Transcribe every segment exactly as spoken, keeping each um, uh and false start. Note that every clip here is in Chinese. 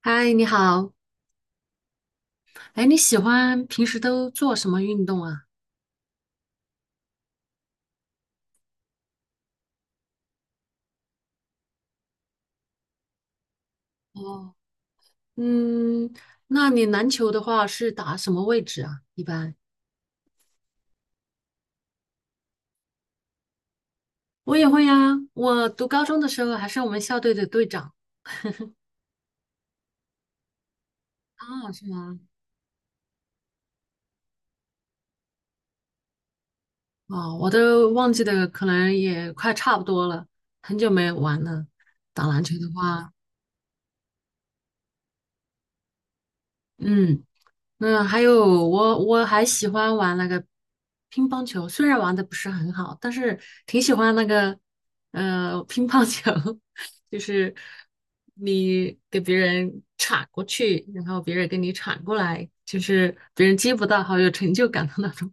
嗨，你好。哎，你喜欢平时都做什么运动啊？哦，嗯，那你篮球的话是打什么位置啊？一般我也会呀、我读高中的时候还是我们校队的队长。啊，是吗？哦，我都忘记的，可能也快差不多了，很久没玩了。打篮球的话，嗯。嗯，还有我我还喜欢玩那个乒乓球，虽然玩的不是很好，但是挺喜欢那个呃乒乓球，就是你给别人铲过去，然后别人给你铲过来，就是别人接不到，好有成就感的那种。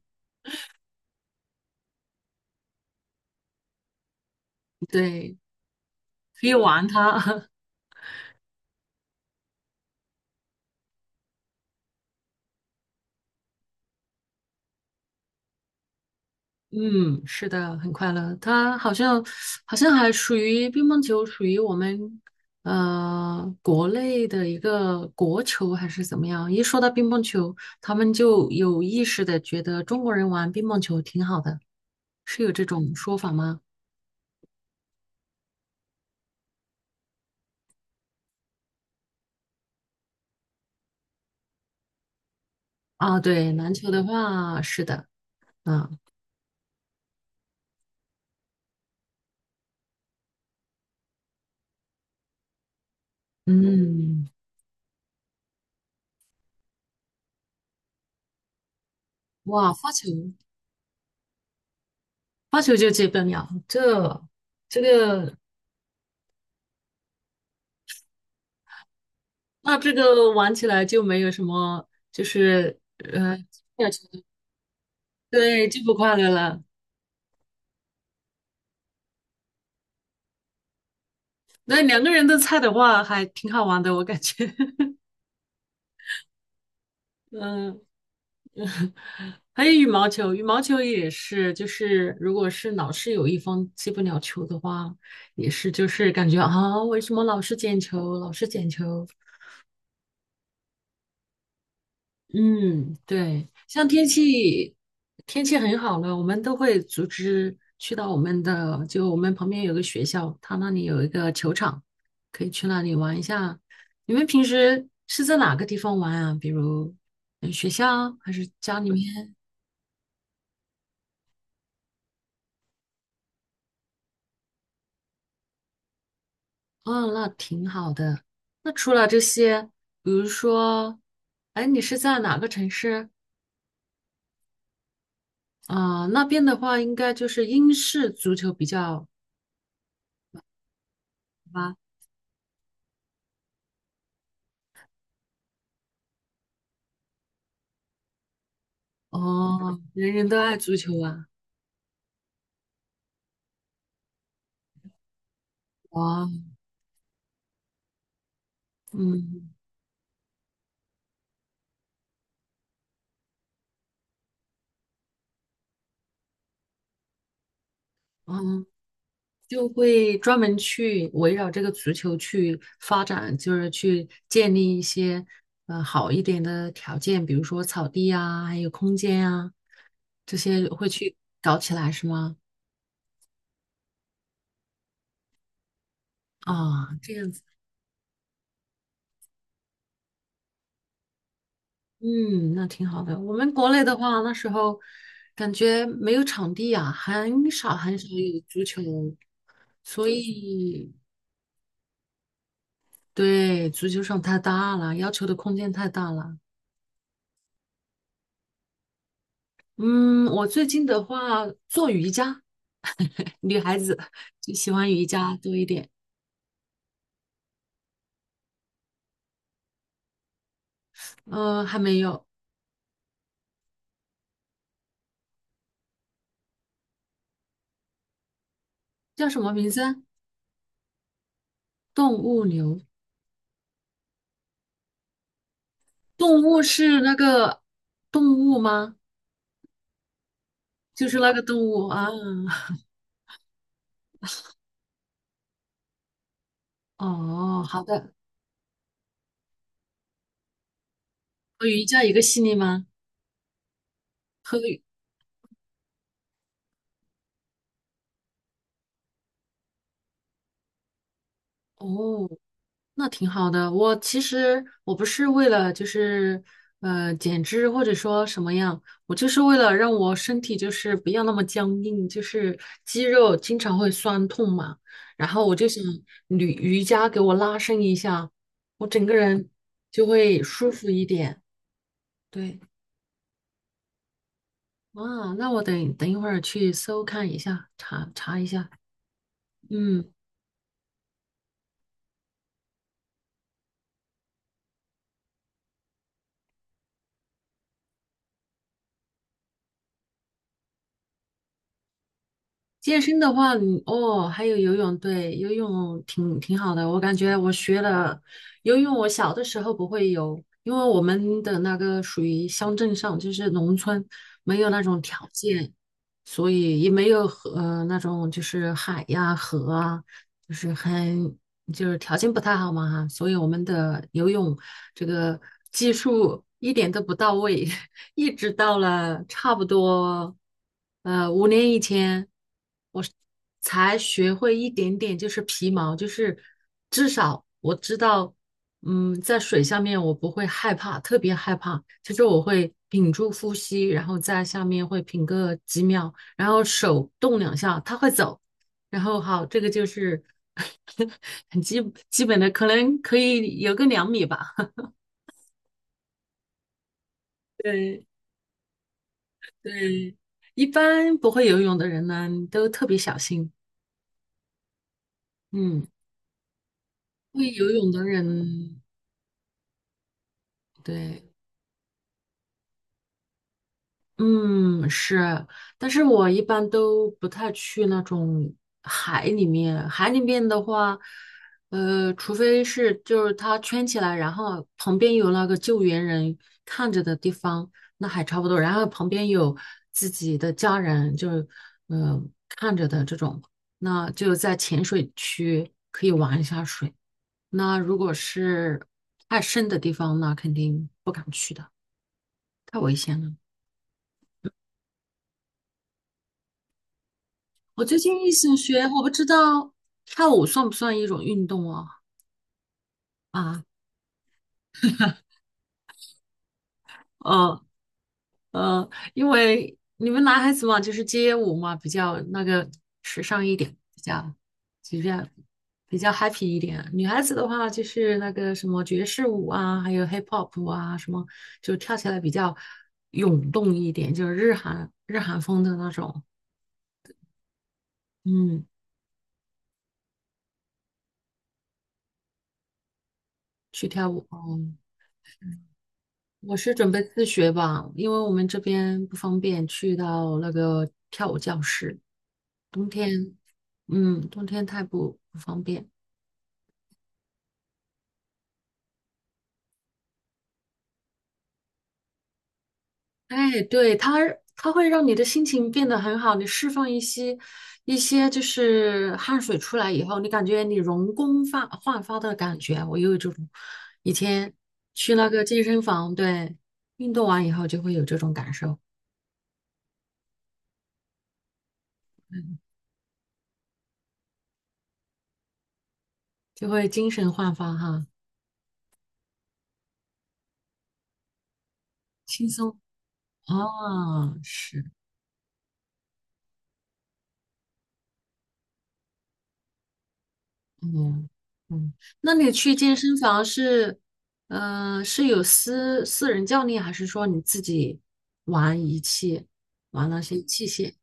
对，可以玩它。嗯，是的，很快乐。他好像好像还属于乒乓球，属于我们呃国内的一个国球还是怎么样？一说到乒乓球，他们就有意识的觉得中国人玩乒乓球挺好的，是有这种说法吗？啊，对，篮球的话是的，啊，嗯，哇，发球发球就接不了，这这个那这个玩起来就没有什么就是呃。对，就不快乐了。那两个人的菜的话，还挺好玩的，我感觉。嗯，还有羽毛球，羽毛球也是，就是如果是老是有一方接不了球的话，也是就是感觉啊，为什么老是捡球，老是捡球？嗯，对，像天气天气很好了，我们都会组织去到我们的，就我们旁边有个学校，它那里有一个球场，可以去那里玩一下。你们平时是在哪个地方玩啊？比如嗯学校还是家里面？哦，那挺好的。那除了这些，比如说，哎，你是在哪个城市？啊、那边的话，应该就是英式足球比较。吧。哦，人人都爱足球啊，哇，嗯嗯，就会专门去围绕这个足球去发展，就是去建立一些呃好一点的条件，比如说草地啊，还有空间啊，这些会去搞起来是吗？啊，这样子，嗯，那挺好的。我们国内的话，那时候感觉没有场地啊，很少很少有足球，所以对，足球场太大了，要求的空间太大了。嗯，我最近的话做瑜伽，女孩子就喜欢瑜伽多一点。呃，还没有，叫什么名字啊动物流，动物是那个动物吗？就是那个动物啊。哦，好的。和瑜伽一个系列吗？和瑜哦，那挺好的。我其实我不是为了就是呃减脂或者说什么样，我就是为了让我身体就是不要那么僵硬，就是肌肉经常会酸痛嘛。然后我就想瑜瑜伽给我拉伸一下，我整个人就会舒服一点。对，哇，那我等等一会儿去搜看一下，查查一下。嗯。健身的话，你哦，还有游泳，对，游泳挺挺好的。我感觉我学了游泳，我小的时候不会游，因为我们的那个属于乡镇上，就是农村，没有那种条件，所以也没有河，呃，那种就是海呀、河啊，就是很就是条件不太好嘛哈，所以我们的游泳这个技术一点都不到位。一直到了差不多呃五年以前，我才学会一点点，就是皮毛，就是至少我知道，嗯，在水下面我不会害怕，特别害怕，就是我会屏住呼吸，然后在下面会屏个几秒，然后手动两下，它会走，然后好，这个就是 很基基本的，可能可以有个两米吧，对。对，一般不会游泳的人呢，都特别小心。嗯，会游泳的人，对，嗯，是。但是我一般都不太去那种海里面。海里面的话，呃，除非是就是它圈起来，然后旁边有那个救援人看着的地方，那还差不多。然后旁边有自己的家人，就是嗯、呃看着的这种。那就在浅水区可以玩一下水。那如果是太深的地方，那肯定不敢去的，太危险了。我最近一醒学，我不知道跳舞算不算一种运动哦？啊，呃呃，因为你们男孩子嘛，就是街舞嘛，比较那个时尚一点，比较比较比较 happy 一点。女孩子的话，就是那个什么爵士舞啊，还有 hip hop 舞啊，什么就跳起来比较涌动一点，就是日韩日韩风的那种。嗯。去跳舞哦，我是准备自学吧，因为我们这边不方便去到那个跳舞教室，冬天，嗯，冬天太不不方便。哎，对，它它会让你的心情变得很好，你释放一些一些就是汗水出来以后，你感觉你容光发焕发的感觉，我有这种，以前去那个健身房，对，运动完以后就会有这种感受，就会精神焕发哈，轻松。哦，是，嗯嗯，那你去健身房是，呃，是有私私人教练，还是说你自己玩仪器，玩那些器械？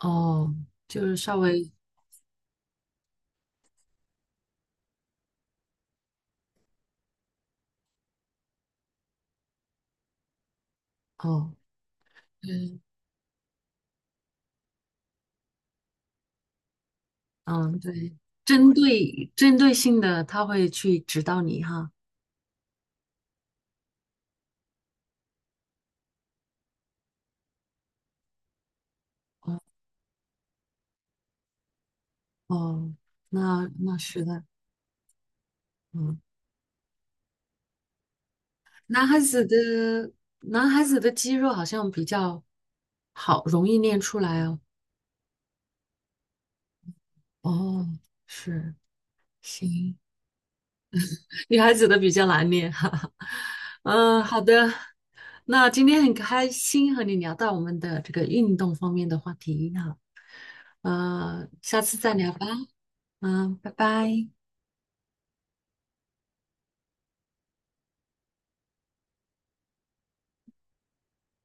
哦，就是稍微，哦，对，嗯，对，针对针对性的，他会去指导你哈。哦哦，那那是的，嗯，男孩子的男孩子的肌肉好像比较好，容易练出来哦。哦，是，行，女孩子的比较难念，哈哈。嗯，好的，那今天很开心和你聊到我们的这个运动方面的话题哈，呃，下次再聊吧，嗯，拜拜。